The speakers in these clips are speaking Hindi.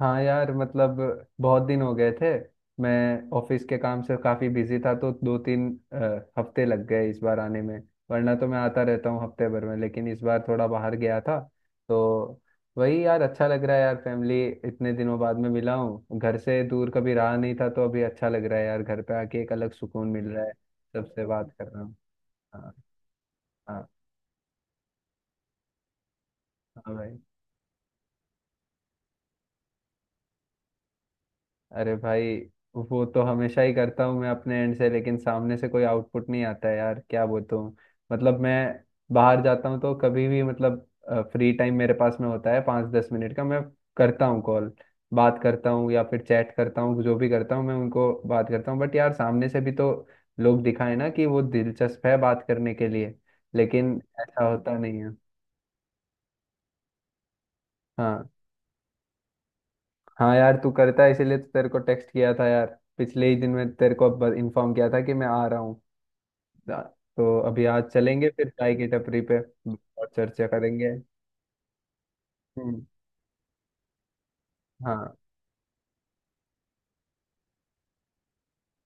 हाँ यार मतलब बहुत दिन हो गए थे। मैं ऑफिस के काम से काफ़ी बिजी था, तो 2-3 हफ्ते लग गए इस बार आने में। वरना तो मैं आता रहता हूँ हफ्ते भर में, लेकिन इस बार थोड़ा बाहर गया था। तो वही यार, अच्छा लग रहा है यार, फैमिली इतने दिनों बाद में मिला हूँ। घर से दूर कभी रहा नहीं था, तो अभी अच्छा लग रहा है यार, घर पे आके एक अलग सुकून मिल रहा है, सबसे बात कर रहा हूँ। हाँ। हाँ। हाँ भाई। अरे भाई, वो तो हमेशा ही करता हूँ मैं अपने एंड से, लेकिन सामने से कोई आउटपुट नहीं आता है यार, क्या बोलता हूँ। मतलब मैं बाहर जाता हूँ तो कभी भी, मतलब फ्री टाइम मेरे पास में होता है 5-10 मिनट का, मैं करता हूँ कॉल, बात करता हूँ या फिर चैट करता हूँ, जो भी करता हूँ मैं उनको, बात करता हूँ। बट यार सामने से भी तो लोग दिखाए ना कि वो दिलचस्प है बात करने के लिए, लेकिन ऐसा होता नहीं है। हाँ। हाँ यार, तू करता है इसीलिए तो तेरे को टेक्स्ट किया था यार। पिछले ही दिन मैं तेरे को इन्फॉर्म किया था कि मैं आ रहा हूँ। ना- तो अभी आज चलेंगे फिर चाय की टपरी पे और चर्चा करेंगे। हम्म। हाँ।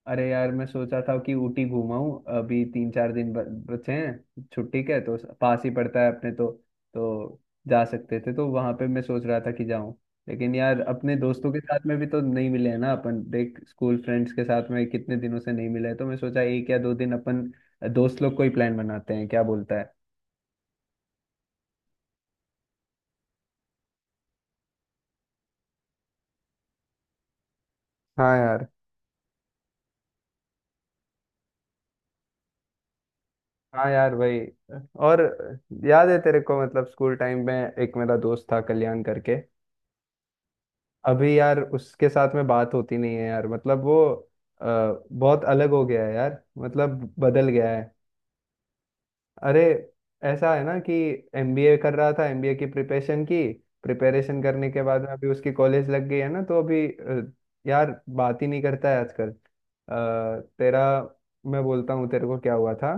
अरे यार, मैं सोचा था कि ऊटी घूमाऊं, अभी 3-4 दिन बचे हैं छुट्टी के, तो पास ही पड़ता है अपने तो जा सकते थे, तो वहां पे मैं सोच रहा था कि जाऊं। लेकिन यार, अपने दोस्तों के साथ में भी तो नहीं मिले हैं ना अपन। देख, स्कूल फ्रेंड्स के साथ में कितने दिनों से नहीं मिले, तो मैं सोचा एक या दो दिन अपन दोस्त लोग को ही प्लान बनाते हैं, क्या बोलता है। हाँ यार। हाँ यार वही। और याद है तेरे को, मतलब स्कूल टाइम में एक मेरा दोस्त था कल्याण करके। अभी यार उसके साथ में बात होती नहीं है यार, मतलब वो अ, बहुत अलग हो गया है यार, मतलब बदल गया है। अरे, ऐसा है ना कि एमबीए कर रहा था, एमबीए की प्रिपरेशन करने के बाद में अभी उसकी कॉलेज लग गई है ना, तो अभी यार बात ही नहीं करता है आजकल। तेरा, मैं बोलता हूँ तेरे को क्या हुआ था।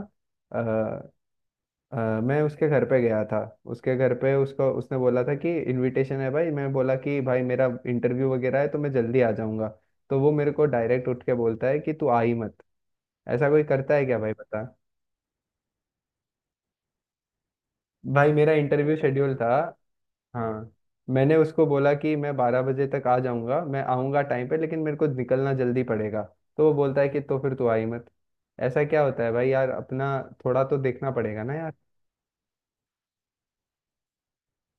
अ, मैं उसके घर पे गया था। उसके घर पे उसको उसने बोला था कि इनविटेशन है भाई, मैं बोला कि भाई मेरा इंटरव्यू वगैरह है, तो मैं जल्दी आ जाऊंगा। तो वो मेरे को डायरेक्ट उठ के बोलता है कि तू आ ही मत। ऐसा कोई करता है क्या भाई, बता। भाई मेरा इंटरव्यू शेड्यूल था। हाँ। मैंने उसको बोला कि मैं 12 बजे तक आ जाऊंगा, मैं आऊंगा टाइम पे, लेकिन मेरे को निकलना जल्दी पड़ेगा। तो वो बोलता है कि तो फिर तू आ ही मत। ऐसा क्या होता है भाई यार, अपना थोड़ा तो देखना पड़ेगा ना।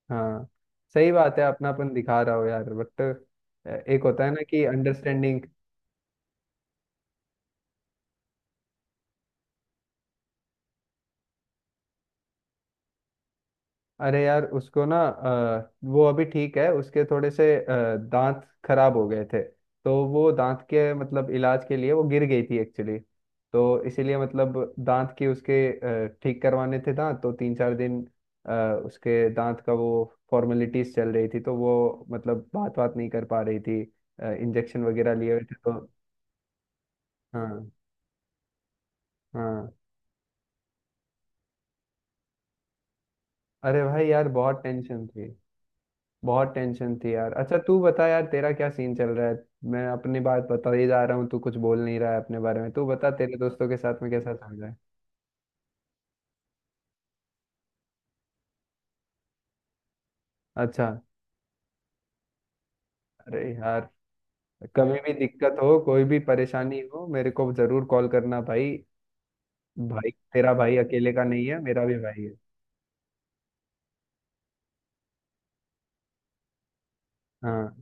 हाँ सही बात है, अपना अपन दिखा रहा हो यार, बट एक होता है ना कि अंडरस्टैंडिंग। अरे यार, उसको ना वो अभी ठीक है, उसके थोड़े से दांत खराब हो गए थे। तो वो दांत के, मतलब इलाज के लिए, वो गिर गई थी एक्चुअली। तो इसीलिए, मतलब दांत की उसके ठीक करवाने थे दांत, तो 3-4 दिन अ, उसके दांत का वो फॉर्मेलिटीज चल रही थी, तो वो मतलब बात बात नहीं कर पा रही थी। इंजेक्शन वगैरह लिए हुए थे तो। हाँ। हाँ अरे भाई यार, बहुत टेंशन थी। बहुत टेंशन थी यार। अच्छा तू बता यार, तेरा क्या सीन चल रहा है। मैं अपनी बात बता ही जा रहा हूँ, तू कुछ बोल नहीं रहा है अपने बारे में। तू बता, तेरे दोस्तों के साथ में कैसा चल रहा है। अच्छा। अरे यार, कभी भी दिक्कत हो, कोई भी परेशानी हो, मेरे को जरूर कॉल करना भाई। भाई तेरा भाई अकेले का नहीं है, मेरा भी भाई है। हाँ।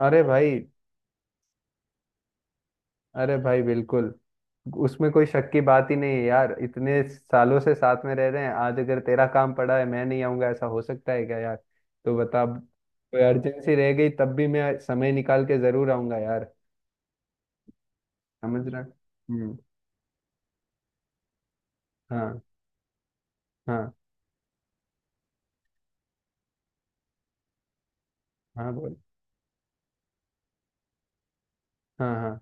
अरे भाई। अरे भाई बिल्कुल, उसमें कोई शक की बात ही नहीं है यार। इतने सालों से साथ में रह रहे हैं, आज अगर तेरा काम पड़ा है मैं नहीं आऊंगा, ऐसा हो सकता है क्या यार, तो बता। कोई अर्जेंसी रह गई तब भी मैं समय निकाल के जरूर आऊंगा यार। समझ रहा। हम्म। हाँ। हाँ। हाँ बोल। हाँ हाँ।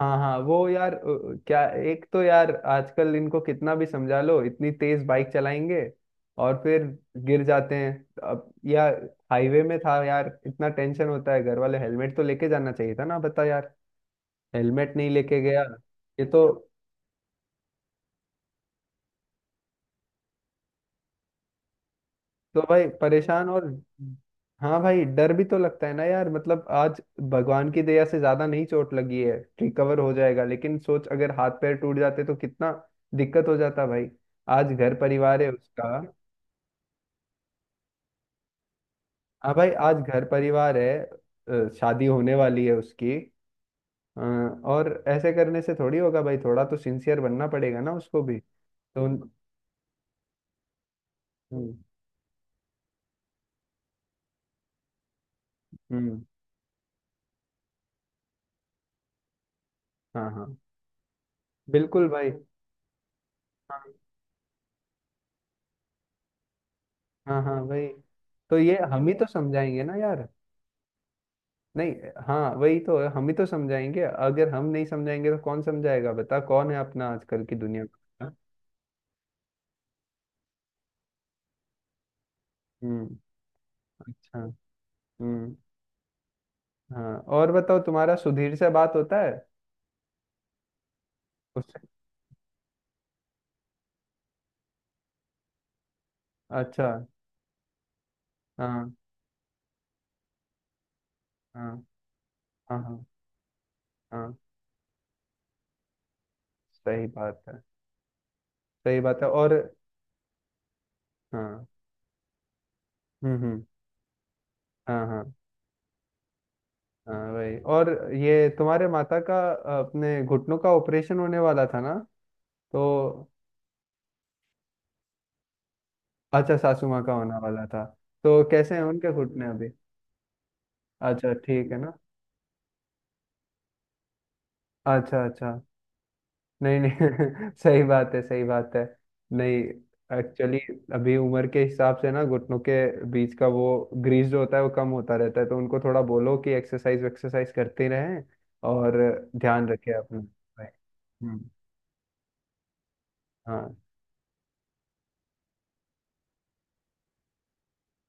हाँ। हाँ वो यार, क्या, एक तो यार आजकल इनको कितना भी समझा लो, इतनी तेज बाइक चलाएंगे और फिर गिर जाते हैं। अब यार, हाईवे में था यार, इतना टेंशन होता है। घर वाले, हेलमेट तो लेके जाना चाहिए था ना, बता यार। हेलमेट नहीं लेके गया। ये तो। तो भाई परेशान, और हाँ भाई डर भी तो लगता है ना यार, मतलब आज भगवान की दया से ज्यादा नहीं चोट लगी है, रिकवर हो जाएगा, लेकिन सोच, अगर हाथ पैर टूट जाते तो कितना दिक्कत हो जाता भाई। आज घर परिवार है उसका। हाँ भाई, आज घर परिवार है, शादी होने वाली है उसकी, और ऐसे करने से थोड़ी होगा भाई, थोड़ा तो सिंसियर बनना पड़ेगा ना उसको भी तो। हम्म। हम्म। हाँ हाँ बिल्कुल भाई। हाँ। हाँ। हाँ भाई, तो ये हम ही तो समझाएंगे ना यार। नहीं, हाँ वही तो है, हम ही तो समझाएंगे, अगर हम नहीं समझाएंगे तो कौन समझाएगा, बता, कौन है अपना आजकल की दुनिया का, हाँ। हम्म। अच्छा। हम्म। हाँ और बताओ, तुम्हारा सुधीर से बात होता है उससे। अच्छा। हाँ। हाँ। हाँ। हाँ। हाँ सही बात है। सही बात है और हाँ। हम्म। हम्म। हाँ। हाँ। हाँ वही, और ये तुम्हारे माता का अपने घुटनों का ऑपरेशन होने वाला था ना, तो। अच्छा, सासू माँ का होने वाला था। तो कैसे हैं उनके घुटने अभी। अच्छा ठीक है ना। अच्छा अच्छा। नहीं नहीं, सही बात है सही बात है। नहीं, एक्चुअली अभी उम्र के हिसाब से ना, घुटनों के बीच का वो ग्रीस जो होता है वो कम होता रहता है, तो उनको थोड़ा बोलो कि एक्सरसाइज एक्सरसाइज करते रहें और ध्यान रखें अपना। हम्म। हाँ।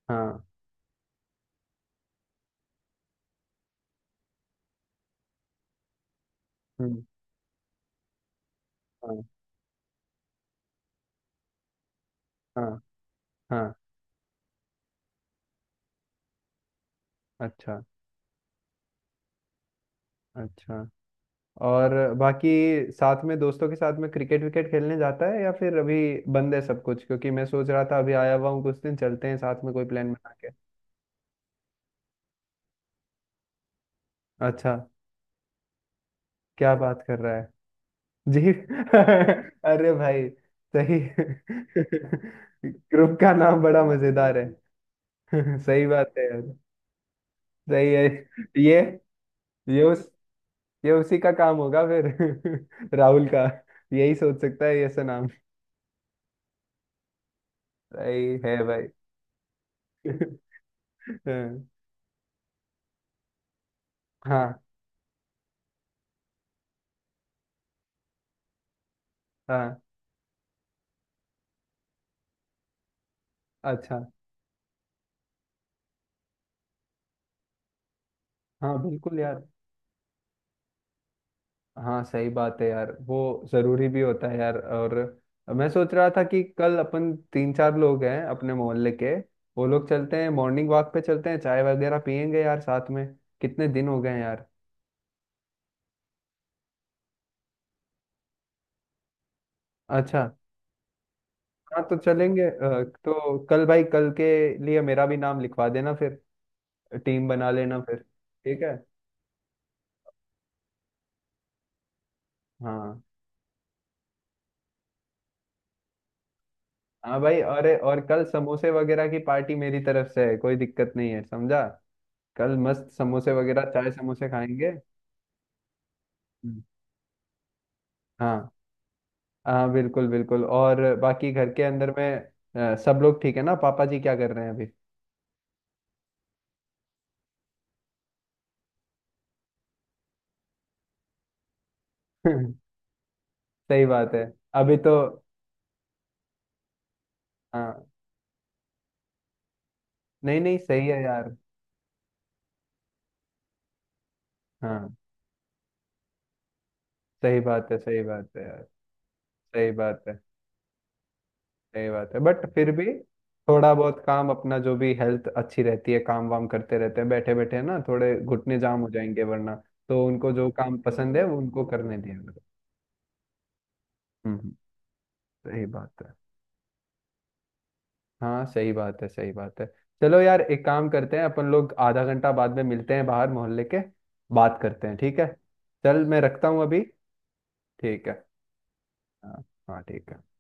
हाँ। हम्म। हाँ। हाँ। हाँ। अच्छा अच्छा, और बाकी साथ में, दोस्तों के साथ में क्रिकेट विकेट खेलने जाता है, या फिर अभी बंद है सब कुछ, क्योंकि मैं सोच रहा था अभी आया हुआ हूँ, कुछ दिन चलते हैं साथ में कोई प्लान बना के। अच्छा। क्या बात कर रहा है। जी अरे भाई, सही ग्रुप का नाम बड़ा मजेदार है। सही बात है यार। सही है। ये ये उस ये उसी का काम होगा फिर, राहुल का। यही सोच सकता है ऐसा नाम। सही है भाई हाँ। हाँ हाँ। अच्छा। हाँ बिल्कुल यार। हाँ सही बात है यार, वो जरूरी भी होता है यार। और मैं सोच रहा था कि कल अपन 3-4 लोग हैं अपने मोहल्ले के, वो लोग चलते हैं मॉर्निंग वॉक पे, चलते हैं चाय वगैरह पियेंगे यार साथ में, कितने दिन हो गए हैं यार। अच्छा। हाँ तो चलेंगे, तो कल भाई, कल के लिए मेरा भी नाम लिखवा देना फिर, टीम बना लेना फिर। ठीक है। हाँ। हाँ भाई, अरे और कल समोसे वगैरह की पार्टी मेरी तरफ से है, कोई दिक्कत नहीं है, समझा। कल मस्त समोसे वगैरह, चाय समोसे खाएंगे। हम्म। हाँ। हाँ बिल्कुल बिल्कुल, और बाकी घर के अंदर में सब लोग ठीक है ना, पापा जी क्या कर रहे हैं अभी। सही बात है। अभी तो हाँ, नहीं नहीं, सही है यार। हाँ सही बात है यार। सही बात है सही बात है, बट फिर भी थोड़ा बहुत काम, अपना जो भी, हेल्थ अच्छी रहती है काम वाम करते रहते हैं, बैठे बैठे ना थोड़े घुटने जाम हो जाएंगे वरना। तो उनको जो काम पसंद है वो उनको करने दिया करो। हम्म हम्म, सही बात है। हाँ सही बात है सही बात है। चलो यार, एक काम करते हैं, अपन लोग आधा घंटा बाद में मिलते हैं बाहर मोहल्ले के, बात करते हैं, ठीक है। चल मैं रखता हूँ अभी। ठीक है। हाँ हाँ ठीक है।